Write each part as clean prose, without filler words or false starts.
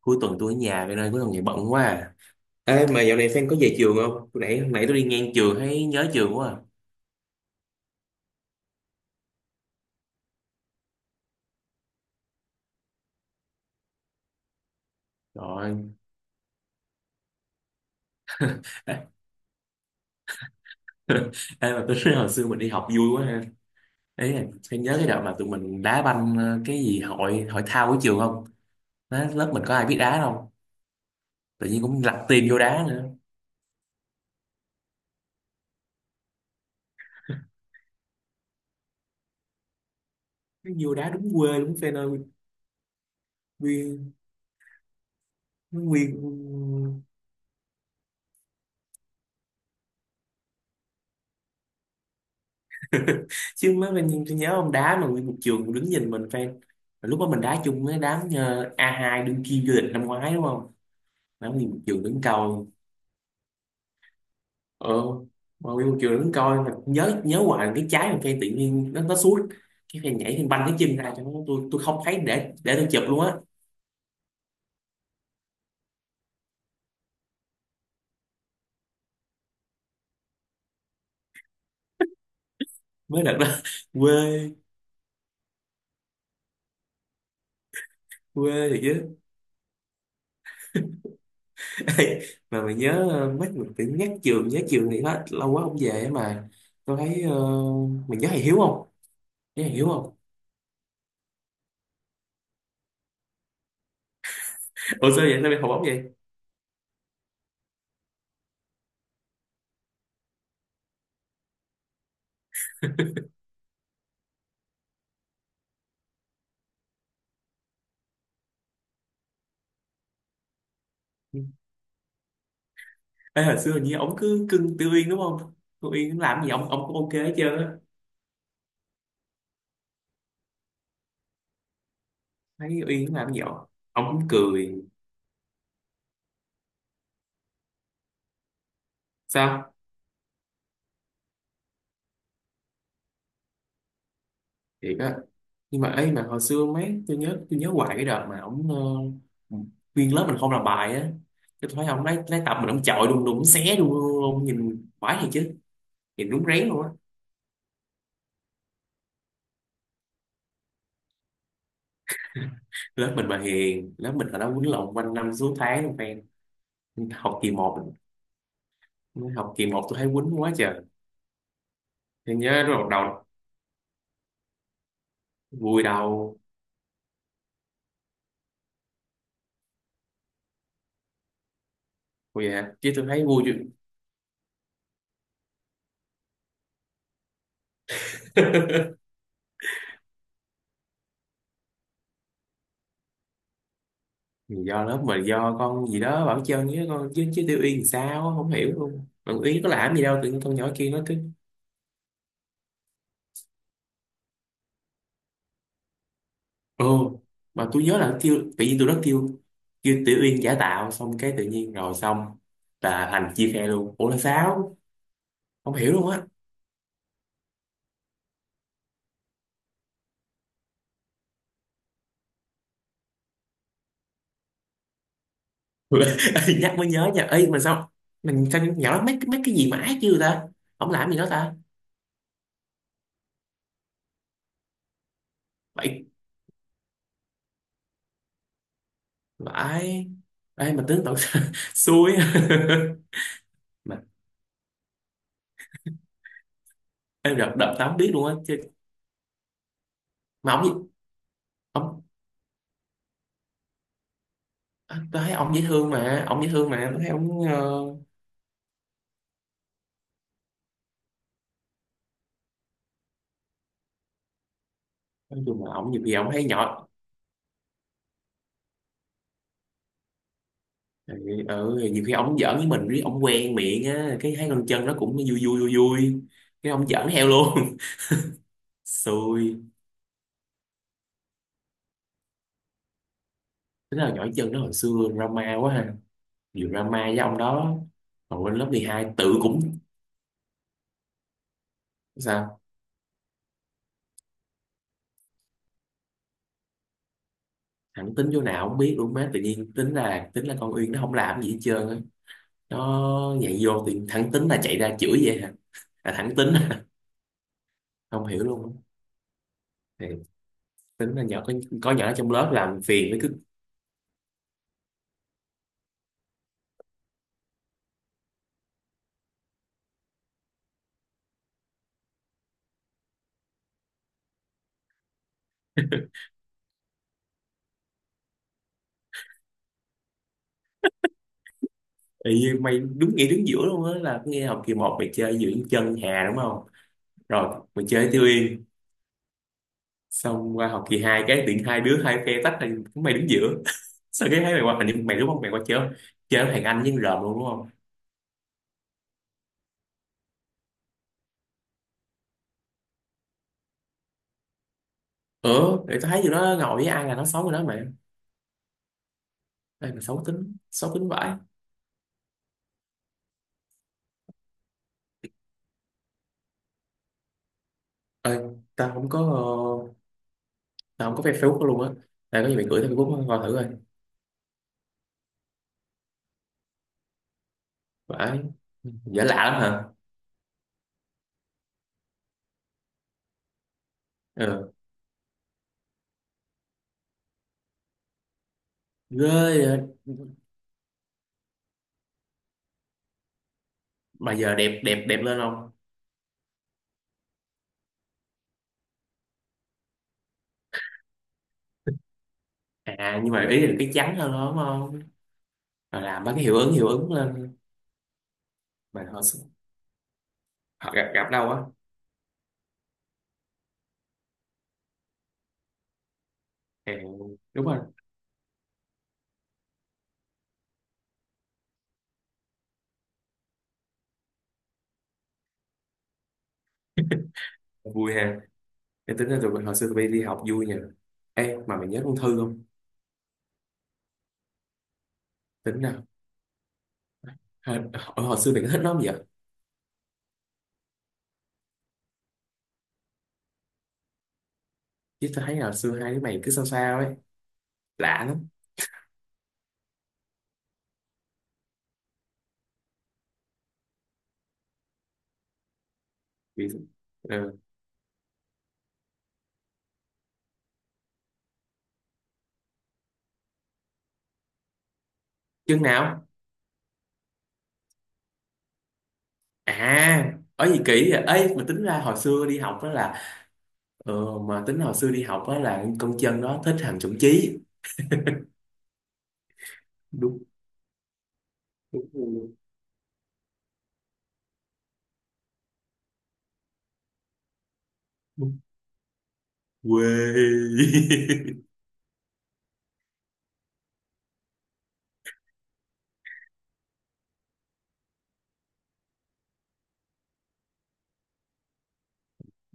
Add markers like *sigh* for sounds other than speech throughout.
Cuối tuần tôi ở nhà vậy nên cuối tuần này bận quá à. Ê, mà dạo này Phan có về trường không? Hồi nãy, tôi đi ngang trường thấy nhớ trường quá à. Rồi. Ê, *laughs* ê mà tôi nói hồi xưa mình đi học vui quá ha. Ấy là Phan nhớ cái đợt mà tụi mình đá banh cái gì hội hội thao của trường không? Đó, lớp mình có ai biết đá đâu. Tự nhiên cũng lặt tiền vô đá nữa. Cái Vô đá đúng quê đúng Phan ơi. Nguyên, nguyên. *laughs* Chứ mới mình tôi nhớ ông đá mà nguyên một trường đứng nhìn mình Phan. Lúc đó mình đá chung với đám A2 đương kim vô địch năm ngoái đúng không? Nắm đi một trường đứng coi. Ờ mà đi một trường đứng coi mà nhớ nhớ hoài cái trái mà phen tự nhiên nó suốt cái phen nhảy phen banh cái chân ra cho nó, tôi không thấy để tôi chụp luôn á. Mới đợt đó. *laughs* Quê. Quê thì chứ. *laughs* Ê, mà mày nhớ mấy mình tự nhắc trường nhớ trường thì hết lâu quá không về á. Mà tôi thấy mình nhớ thầy Hiếu không? Ủa sao vậy, sao mày học ổng vậy? Ê, hồi xưa hình như ổng cứ cưng Tiêu Uyên đúng không? Tiêu Uyên làm gì ổng ổng cũng ok hết trơn á. Thấy Uyên làm gì ổng ổng cũng cười. Sao, thiệt á? Nhưng mà ấy, mà hồi xưa mấy tôi nhớ hoài cái đợt mà ổng, ờ, nguyên lớp mình không làm bài á, cái tôi thấy ông lấy tập mình ông chọi đùng đùng, ông xé đùng đùng đùng, nhìn khoái thiệt chứ. Nhìn đúng rén luôn á. Lớp mình mà hiền? Lớp mình hồi đó quýnh lộn quanh năm suốt tháng luôn fan. Nhưng học kỳ một, học kỳ một tôi thấy quýnh quá trời. Tôi nhớ lúc đầu vui dạ, chứ tôi thấy vui chứ. *laughs* Do lớp mình, do con gì đó bảo chân với con chứ chứ tiêu yên thì sao á, không hiểu luôn, bạn ý có làm gì đâu tự nhiên con nhỏ kia nó. Ừ. Mà tôi nhớ là kêu tự nhiên tôi rất kêu kêu Tiểu Uyên giả tạo xong cái tự nhiên rồi xong là Thành chia khe luôn, ủa là sao? Không hiểu luôn á. *laughs* Ê, nhắc mới nhớ nha, ấy mà sao mình sao nhỏ mấy mấy cái gì mà ác chứ ta? Không làm gì đó ta? Vậy vãi. Ê mà tướng tận. *laughs* Xui á. Mà em đợt đợt tao không biết luôn á chứ. Mà ông tôi thấy ông dễ thương mà tôi thấy ông nói chung là ông nhiều khi ông thấy nhỏ. Ừ, ừ, nhiều khi ông giỡn với mình riết ông quen miệng á, cái thấy con chân nó cũng vui vui vui vui, cái ông giỡn theo luôn. *laughs* Xui. Thế là nhỏ chân nó hồi xưa drama quá ha. Nhiều drama với ông đó. Còn lên lớp 12 tự cũng sao. Thẳng tính chỗ nào không biết luôn, má tự nhiên tính là con Uyên nó không làm gì hết trơn á, nó nhảy vô thì thẳng tính là chạy ra chửi vậy hả? Là thẳng tính. *laughs* Không hiểu luôn á. Thì tính là nhỏ có nhỏ trong lớp làm phiền với. Ý, mày đúng nghĩa đứng giữa luôn á, là nghe học kỳ một mày chơi giữa chân Hà đúng không? Rồi mày chơi Tiêu Yên, xong qua học kỳ 2 cái tiện hai đứa hai phe tách, thành mày đứng giữa. *laughs* Sao cái thấy mày qua hình như mày, đúng không, mày qua chơi chơi với thằng Anh với con rợm luôn đúng không? Ừ để tao thấy tụi nó ngồi với ai là nó xấu rồi đó mày. Ai mà xấu tính, xấu tính vãi. Ơi, tao không có ờ, tao không có Facebook đó luôn á. Tao có gì mày gửi tao Facebook coi thử coi. Vãi. Giả lạ lắm hả? Ừ. Ghê vậy. Mà giờ đẹp đẹp đẹp lên không? À nhưng mà ý là cái trắng hơn đó đúng không? Rồi làm mấy cái hiệu ứng lên. Mà họ họ gặp gặp đâu á. À, đúng rồi. *laughs* Vui ha. Em tính ra tụi mình hồi xưa tụi bay đi học vui nhỉ. Ê mà mày nhớ con Thư không? Tính nào. Hồi, hồi xưa mày có thích nó không vậy? Chứ tao thấy là hồi xưa hai đứa mày cứ sao sao ấy. Lạ lắm. Vì, ừ. Chừng nào? À ở gì kỹ vậy? Ê mà tính ra hồi xưa đi học đó là, mà tính hồi xưa đi học đó là con chân đó thích thằng chuẩn Chí. Đúng. Đúng. Đúng. Quê. *laughs*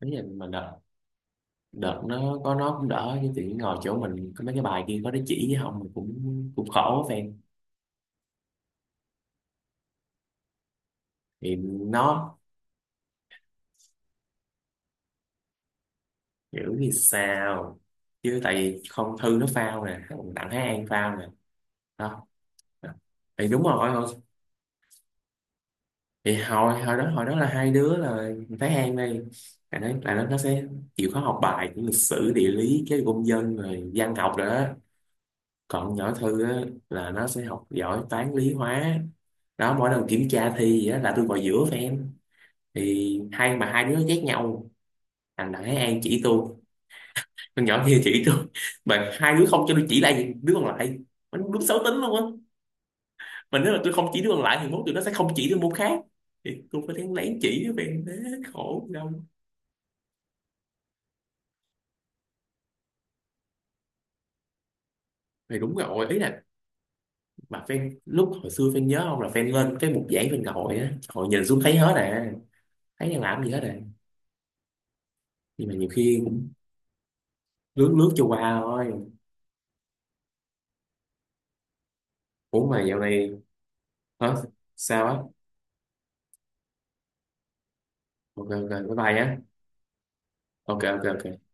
Thế là mà đợt đợt nó có, nó cũng đỡ chứ tự nhiên ngồi chỗ mình có mấy cái bài kia có đứa chỉ với không, mình cũng cũng khổ fan. Thì nó hiểu như sao? Chứ tại vì không, thư nó phao nè, còn đặng Thái An phao nè đó. Thì đúng rồi, thì hồi hồi đó là hai đứa là Thái An đây là nó, nó sẽ chịu khó học bài của lịch sử địa lý cái công dân rồi văn học rồi đó. Còn nhỏ Thư á, là nó sẽ học giỏi toán lý hóa đó. Mỗi lần kiểm tra thi gì á, là tôi ngồi giữa fan, thì hai đứa ghét nhau. Thằng Đại An chỉ tôi, con nhỏ kia chỉ tôi, *laughs* mà hai đứa không cho tôi chỉ lại đứa còn lại, mình đúng xấu tính luôn á. Mà nếu mà tôi không chỉ đứa còn lại thì mốt tụi nó sẽ không chỉ đứa môn khác, thì tôi phải đáng lén chỉ đứa fan thế. Khổ đâu. Thì đúng rồi, ý là mà fan lúc hồi xưa fan nhớ không, là fan lên cái mục giảng fan ngồi á, ngồi nhìn xuống thấy hết à. Thấy đang làm gì hết à. Nhưng mà nhiều khi lướt lướt cho qua thôi. Ủa mà dạo này. Hả? Sao á? Ok ok bye bye nhé. Ok ok ok.